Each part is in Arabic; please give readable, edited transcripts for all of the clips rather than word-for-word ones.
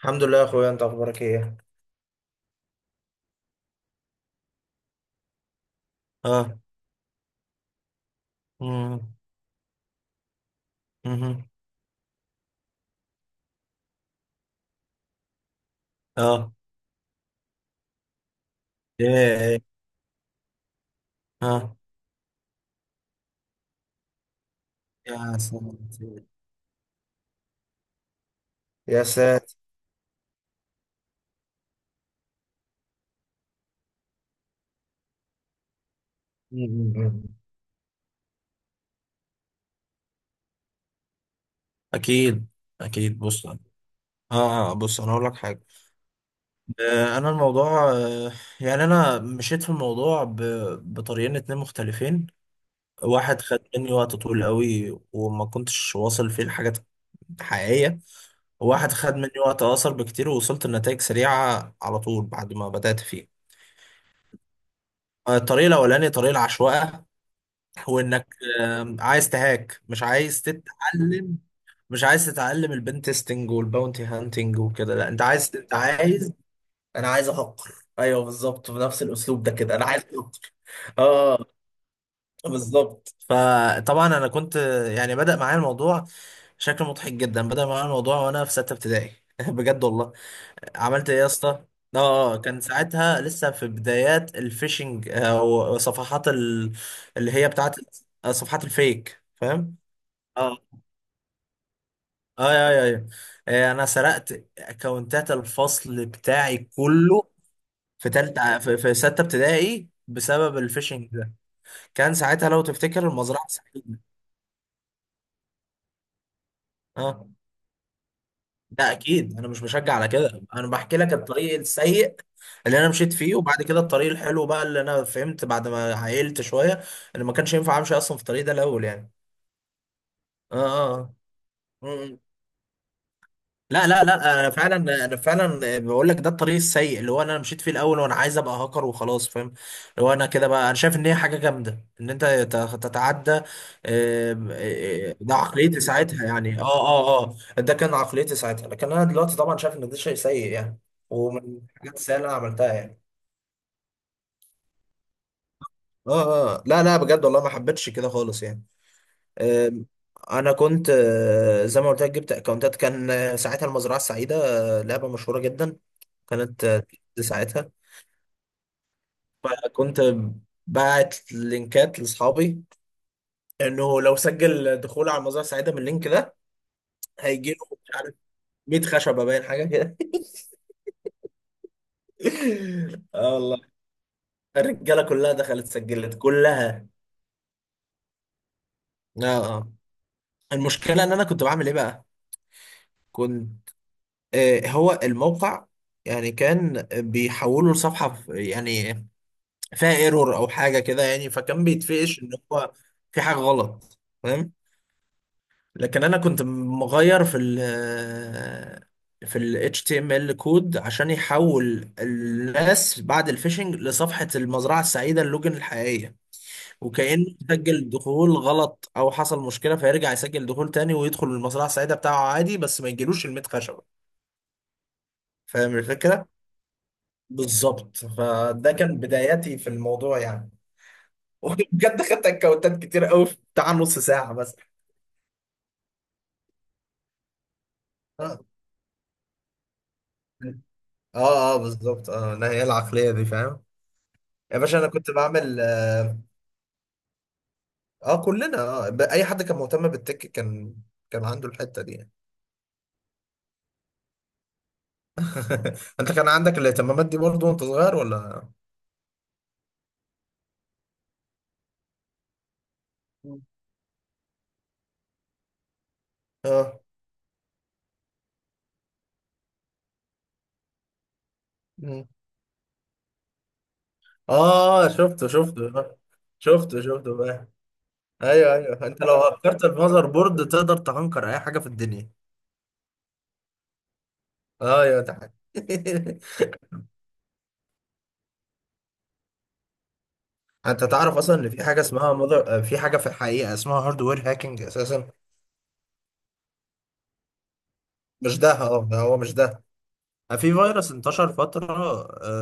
الحمد لله يا اخويا، انت اخبارك ايه؟ اه. مم. مهم. اه. ايه. اه. يا سلام. يا ساتر. مم. مم. اكيد اكيد، بص. اه. بص انا هقول لك حاجه. انا الموضوع، يعني انا مشيت في الموضوع بطريقين اتنين مختلفين. واحد خد مني وقت طويل قوي وما كنتش واصل فيه لحاجات حقيقيه، وواحد خد مني وقت اقصر بكتير ووصلت لنتائج سريعه على طول بعد ما بدات فيه. الطريق الاولاني طريق العشوائيه، وانك عايز تهاك مش عايز تتعلم، مش عايز تتعلم البن تيستنج والباونتي هانتنج وكده، لا انت عايز، انت عايز انا عايز احقر. ايوه بالظبط، بنفس الاسلوب ده كده انا عايز احقر. اه بالظبط. فطبعا انا كنت، يعني بدأ معايا الموضوع شكل مضحك جدا. بدأ معايا الموضوع وانا في سته ابتدائي بجد والله. عملت ايه يا اسطى. اه. كان ساعتها لسه في بدايات الفيشنج او صفحات ال... اللي هي بتاعت، صفحات الفيك، فاهم. اه اه، يا، انا سرقت اكونتات الفصل بتاعي كله في ستة ابتدائي بسبب الفيشنج ده. كان ساعتها لو تفتكر المزرعة السعيدة. اه. لا اكيد، انا مش بشجع على كده، انا بحكي لك الطريق السيء اللي انا مشيت فيه، وبعد كده الطريق الحلو بقى اللي انا فهمت بعد ما عقلت شويه ان ما كانش ينفع امشي اصلا في الطريق ده الاول يعني. اه اه. آه. لا لا لا، انا فعلا، انا فعلا بقول لك ده الطريق السيء اللي هو انا مشيت فيه الاول، وانا عايز ابقى هاكر وخلاص، فاهم. اللي هو انا كده بقى، انا شايف ان هي حاجه جامده ان انت تتعدى، ده عقليتي ساعتها يعني، اه اه اه. ده كان عقليتي ساعتها، لكن انا دلوقتي طبعا شايف ان ده شيء سيء يعني، ومن الحاجات السيئه اللي انا عملتها يعني. اه اه، لا لا، بجد والله ما حبيتش كده خالص يعني. آم، انا كنت، زي ما قلت لك جبت اكونتات. كان ساعتها المزرعه السعيده، لعبه مشهوره جدا. قناة دي ساعتها. فكنت باعت لينكات لاصحابي انه لو سجل دخول على المزرعة السعيدة من اللينك ده هيجي له مش عارف 100 خشبة، باين حاجة كده. اه والله. الرجالة كلها دخلت سجلت كلها. اه اه. المشكلة ان انا كنت بعمل ايه بقى؟ كنت آه هو الموقع، يعني كان بيحوله لصفحة يعني فيها ايرور او حاجة كده، يعني فكان بيتفقش ان هو في حاجة غلط، لكن انا كنت مغير في ال HTML كود عشان يحول الناس بعد الفيشنج لصفحة المزرعة السعيدة اللوجن الحقيقية، وكأنه سجل دخول غلط او حصل مشكلة فيرجع يسجل دخول تاني ويدخل المزرعة السعيدة بتاعه عادي، بس ما يجيلوش الميت خشبة. فاهم الفكرة؟ بالظبط، فده كان بداياتي في الموضوع يعني. وبجد خدت اكونتات كتير قوي في بتاع نص ساعة بس. اه اه، بالظبط. اه لا، هي العقلية دي، فاهم. يا باشا انا كنت بعمل اه، كلنا اه اي حد كان مهتم بالتك كان، كان عنده الحتة دي يعني. انت كان عندك الاهتمامات دي برضو وانت صغير ولا. اه. مم. اه شفته شفته. آه. شفته شفته بقى. ايوه ايوه، انت لو هكرت المذر بورد تقدر تهنكر اي حاجة في الدنيا. اه يا ده حاجة انت تعرف اصلا ان في حاجة اسمها مذر؟ في حاجة في الحقيقة اسمها هاردوير هاكينج اساسا. مش ده اه، ده هو مش ده. في فيروس انتشر فترة،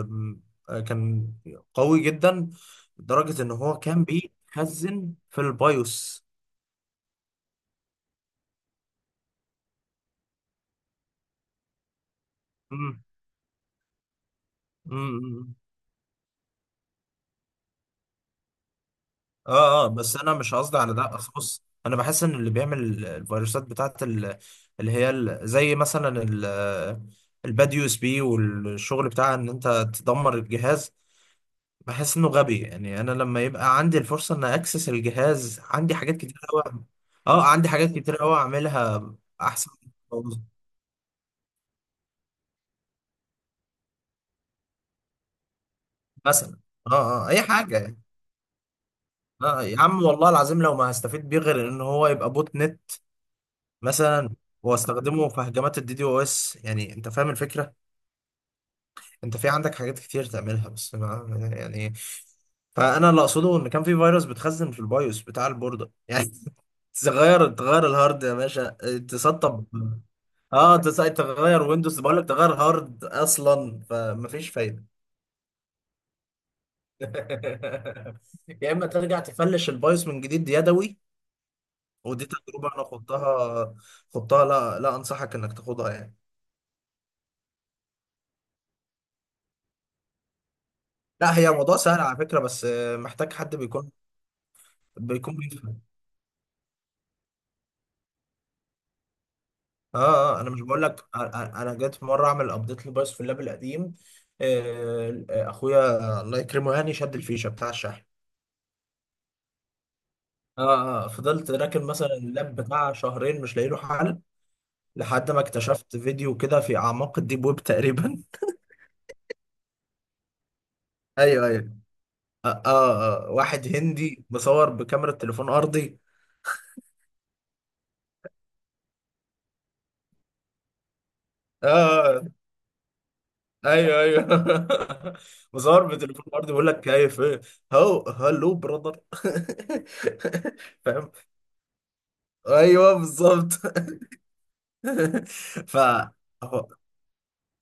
أم، كان قوي جدا لدرجة إن هو كان بيتخزن في البيوس. مم. مم. بس أنا مش قصدي على ده، أصل بص، أنا بحس إن اللي بيعمل الفيروسات بتاعت اللي هي زي مثلا الباد يو اس بي، والشغل بتاع إن أنت تدمر الجهاز، بحس انه غبي. يعني انا لما يبقى عندي الفرصه ان اكسس الجهاز، عندي حاجات كتير قوي. اه، عندي حاجات كتير قوي اعملها احسن من الجواز. مثلا. اه اه، اي حاجه يعني. اه يا عم والله العظيم لو ما هستفيد بيه غير ان هو يبقى بوت نت مثلا، واستخدمه في هجمات الدي دي او اس، يعني انت فاهم الفكره. انت في عندك حاجات كتير تعملها بس ما يعني. فانا اللي اقصده ان كان في فيروس بتخزن في البايوس بتاع البورده يعني. تغير الهارد يا باشا، تسطب. اه انت ساعة تغير ويندوز بقول لك تغير هارد اصلا، فمفيش فايده. يا اما ترجع تفلش البايوس من جديد يدوي. ودي تجربه انا خضتها. خضتها؟ لا لا، انصحك انك تاخدها يعني. لا، هي موضوع سهل على فكره، بس محتاج حد بيكون بيفهم. اه اه، انا مش بقول لك، انا جيت مره اعمل ابديت للبايوس في اللاب القديم. اخويا الله يكرمه يعني شد الفيشه بتاع الشحن. اه اه، فضلت راكن مثلا اللاب بتاع شهرين مش لاقي له حل، لحد ما اكتشفت فيديو كده في اعماق الديب ويب تقريبا. ايوه ايوه. واحد هندي مصور بكاميرا تليفون ارضي. آه ايوه ايوه مصور بتليفون ارضي بيقول لك كيف ايه، هو هلو براذر فاهم، ايوه بالظبط ف هو-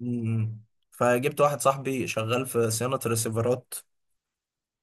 مم. فجبت واحد صاحبي شغال في صيانة ريسيفرات،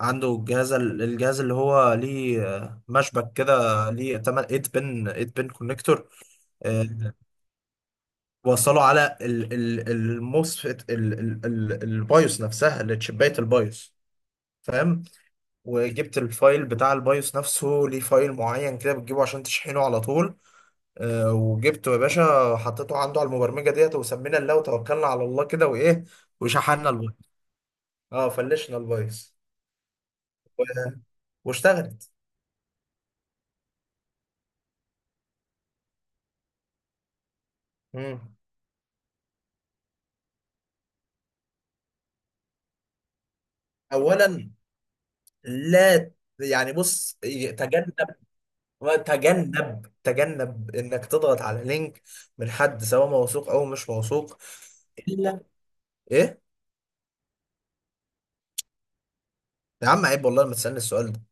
عنده الجهاز اللي هو ليه، مشبك كده ليه 8 8 بن 8 بن كونكتور، وصله على الموسفيت البايوس نفسها اللي تشبيت البايوس. فاهم. وجبت الفايل بتاع البايوس نفسه ليه فايل معين كده بتجيبه عشان تشحنه على طول. وجبته يا باشا، حطيته عنده على المبرمجه ديت، وسمينا الله وتوكلنا على الله كده وايه. وشحنا البايوس. اه، فلشنا البايوس. و- واشتغلت. مم. اولا، لا. يعني بص، تجنب تجنب تجنب انك تضغط على لينك من حد سواء موثوق او مش موثوق. الا. ايه؟ يا عم عيب والله ما تسألني السؤال ده.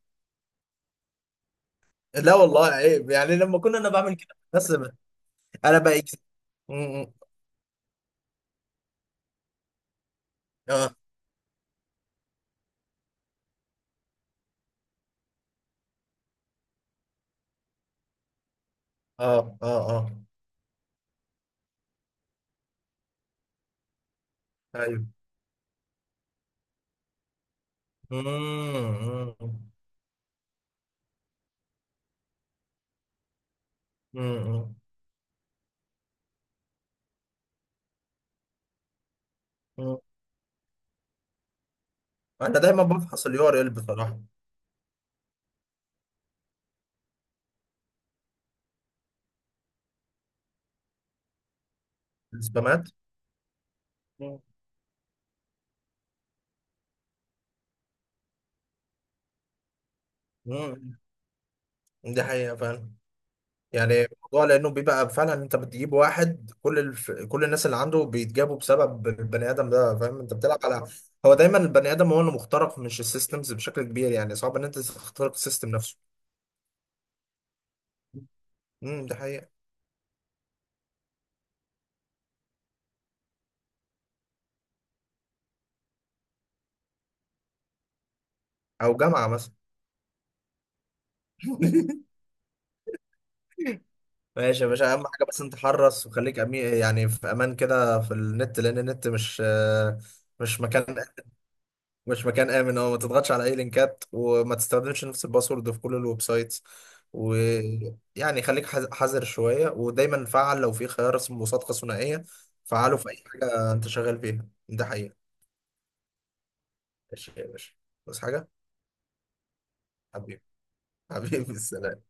لا والله عيب. يعني لما كنا انا بعمل كده بس انا بقى، اه اه اه اه. ايوه. مم، مم، مم، مم. انا دايما بفحص اليو ار ال بصراحة. السبامات. مم، مم. دي حقيقة فعلا. يعني الموضوع لانه بيبقى فعلا، انت بتجيب واحد كل الناس اللي عنده بيتجابوا بسبب البني ادم ده، فاهم انت بتلعب على، هو دايما البني ادم هو اللي مخترق، مش السيستمز بشكل كبير، يعني صعب ان انت تخترق السيستم نفسه. امم، ده حقيقة. او جامعة مثلا. ماشي يا باشا، اهم حاجة بس انت حرص وخليك يعني في امان كده في النت، لان النت مش، مش مكان مش مكان امن. اه ما تضغطش على اي لينكات، وما تستخدمش نفس الباسورد في كل الويب سايتس، ويعني خليك حذر شويه، ودايما فعل لو في خيار اسمه مصادقه ثنائيه. فعله في اي حاجه انت شغال فيها، ده حقيقه. ماشي يا باشا، بس حاجه، حبيبي حبيبي. السلام.